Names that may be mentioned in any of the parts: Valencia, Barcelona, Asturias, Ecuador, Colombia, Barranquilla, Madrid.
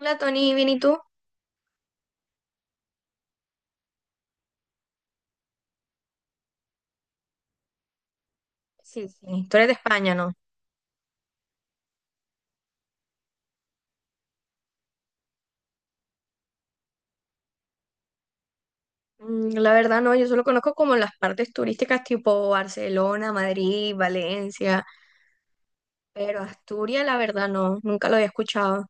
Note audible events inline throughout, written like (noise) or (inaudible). Hola Tony, ¿bien y tú? Sí, sí, tú eres de España, ¿no? La verdad no, yo solo conozco como las partes turísticas tipo Barcelona, Madrid, Valencia, pero Asturias la verdad no, nunca lo había escuchado.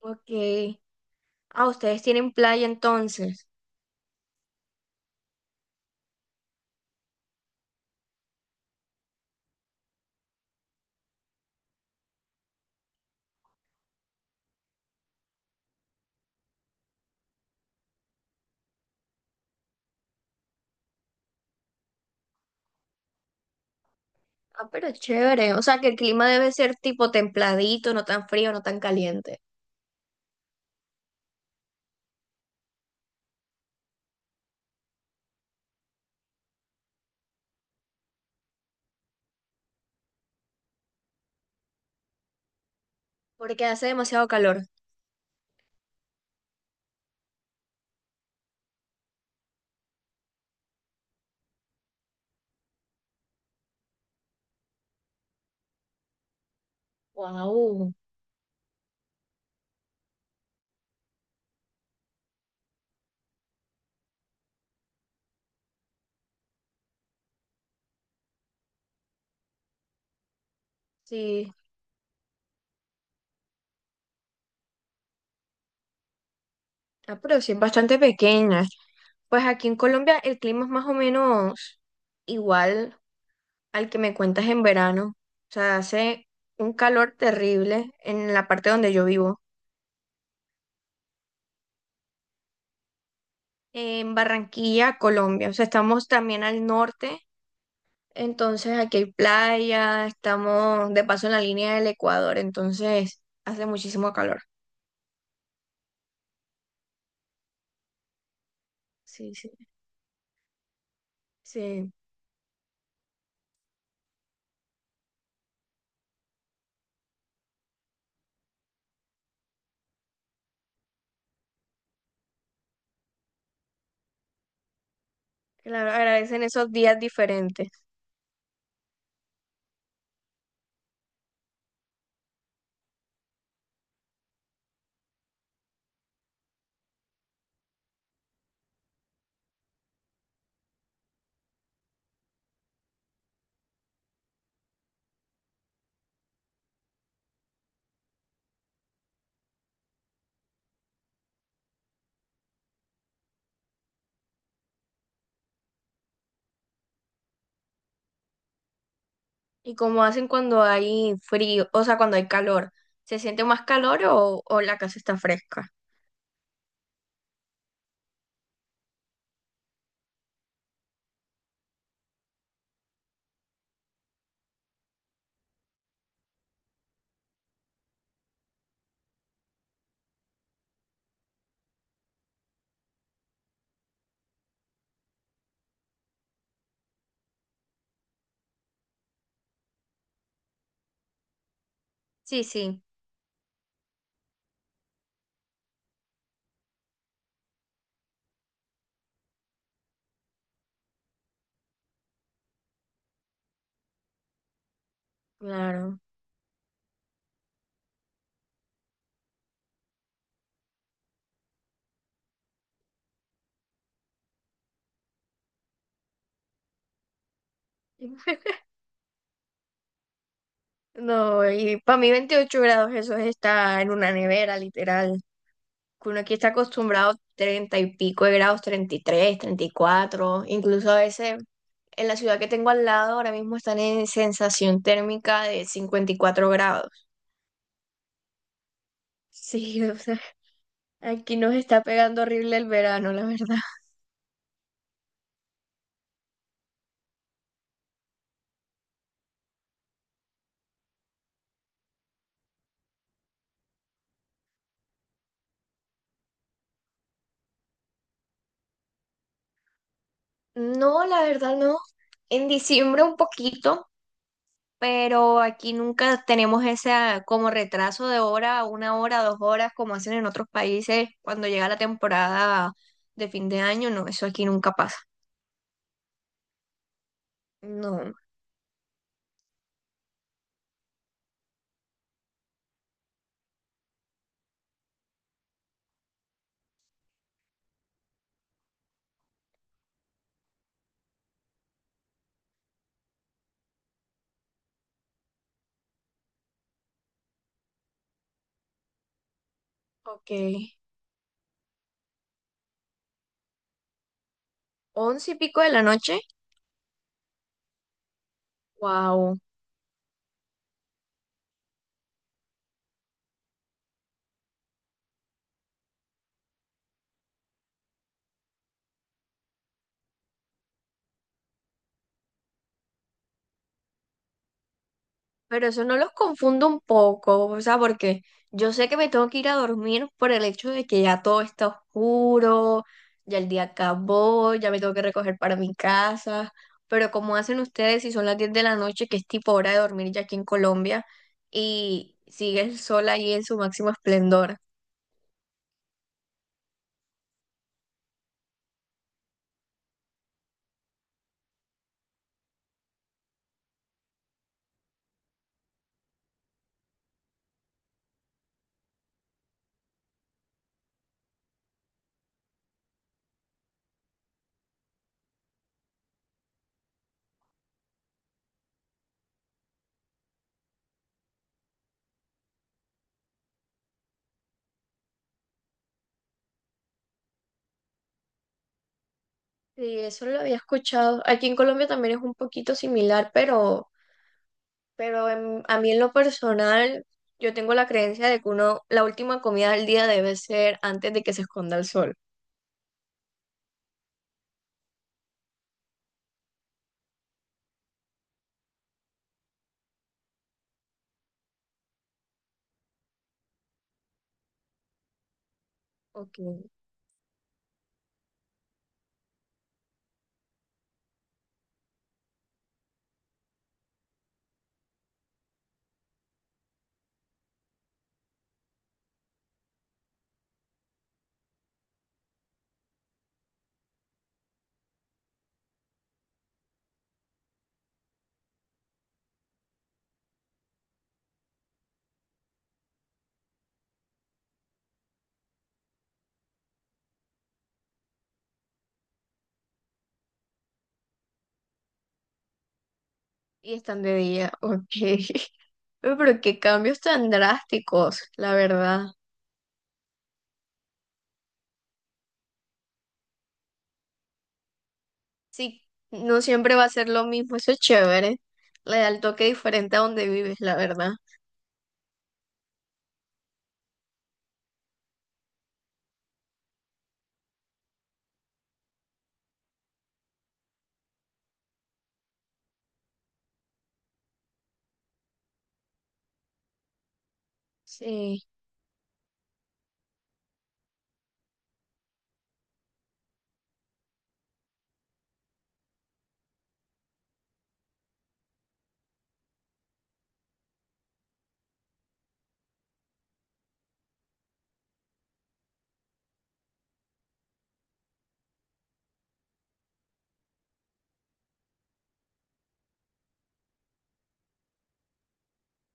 Ok. Ah, ustedes tienen playa entonces. Ah, pero chévere, o sea que el clima debe ser tipo templadito, no tan frío, no tan caliente, porque hace demasiado calor. Wow. Sí, ah, pero sí, es bastante pequeña. Pues aquí en Colombia el clima es más o menos igual al que me cuentas en verano. O sea, hace un calor terrible en la parte donde yo vivo, en Barranquilla, Colombia. O sea, estamos también al norte, entonces aquí hay playa, estamos de paso en la línea del Ecuador, entonces hace muchísimo calor. Sí, sí, sí. Claro, agradecen esos días diferentes. ¿Y cómo hacen cuando hay frío? O sea, cuando hay calor. ¿Se siente más calor o, la casa está fresca? Sí, sí, claro. (laughs) No, y para mí 28 grados eso es estar en una nevera, literal. Que uno aquí está acostumbrado a 30 y pico de grados, 30, 33, 34, incluso a veces en la ciudad que tengo al lado ahora mismo están en sensación térmica de 54 grados. Sí, (laughs) o sea, aquí nos está pegando horrible el verano, la verdad. No, la verdad no. En diciembre un poquito, pero aquí nunca tenemos ese como retraso de hora, una hora, dos horas, como hacen en otros países cuando llega la temporada de fin de año. No, eso aquí nunca pasa. No, ok. Once y pico de la noche. Wow. Pero eso no los confundo un poco, o sea, porque yo sé que me tengo que ir a dormir por el hecho de que ya todo está oscuro, ya el día acabó, ya me tengo que recoger para mi casa, ¿pero cómo hacen ustedes si son las 10 de la noche, que es tipo hora de dormir ya aquí en Colombia, y sigue el sol ahí en su máximo esplendor? Sí, eso lo había escuchado. Aquí en Colombia también es un poquito similar, pero a mí en lo personal, yo tengo la creencia de que uno, la última comida del día debe ser antes de que se esconda el sol. Ok. Y están de día, ok. (laughs) Uy, pero qué cambios tan drásticos, la verdad. Sí, no siempre va a ser lo mismo, eso es chévere. Le da el toque diferente a donde vives, la verdad. Sí.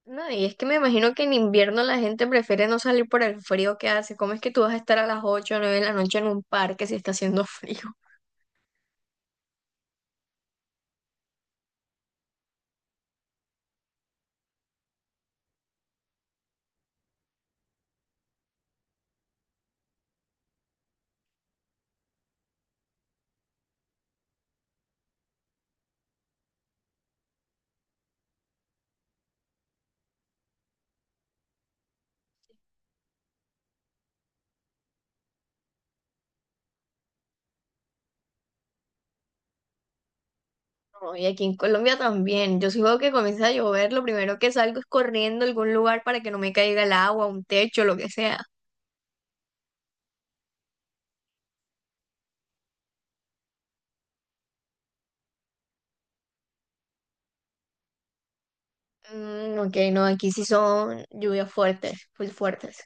No, y es que me imagino que en invierno la gente prefiere no salir por el frío que hace. ¿Cómo es que tú vas a estar a las 8 o 9 de la noche en un parque si está haciendo (laughs) frío? No, y aquí en Colombia también. Yo si veo que comienza a llover, lo primero que salgo es corriendo a algún lugar para que no me caiga el agua, un techo, lo que sea. Mm, ok, no, aquí sí son lluvias fuertes, full fuertes.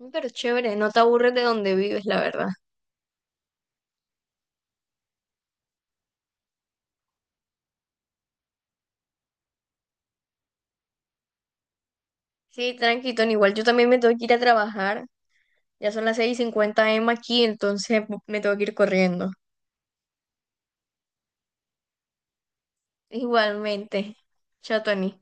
Pero chévere, no te aburres de donde vives, la verdad. Sí, tranqui, Tony, igual yo también me tengo que ir a trabajar. Ya son las 6:50 a.m. m aquí, entonces me tengo que ir corriendo. Igualmente. Chao, Tony.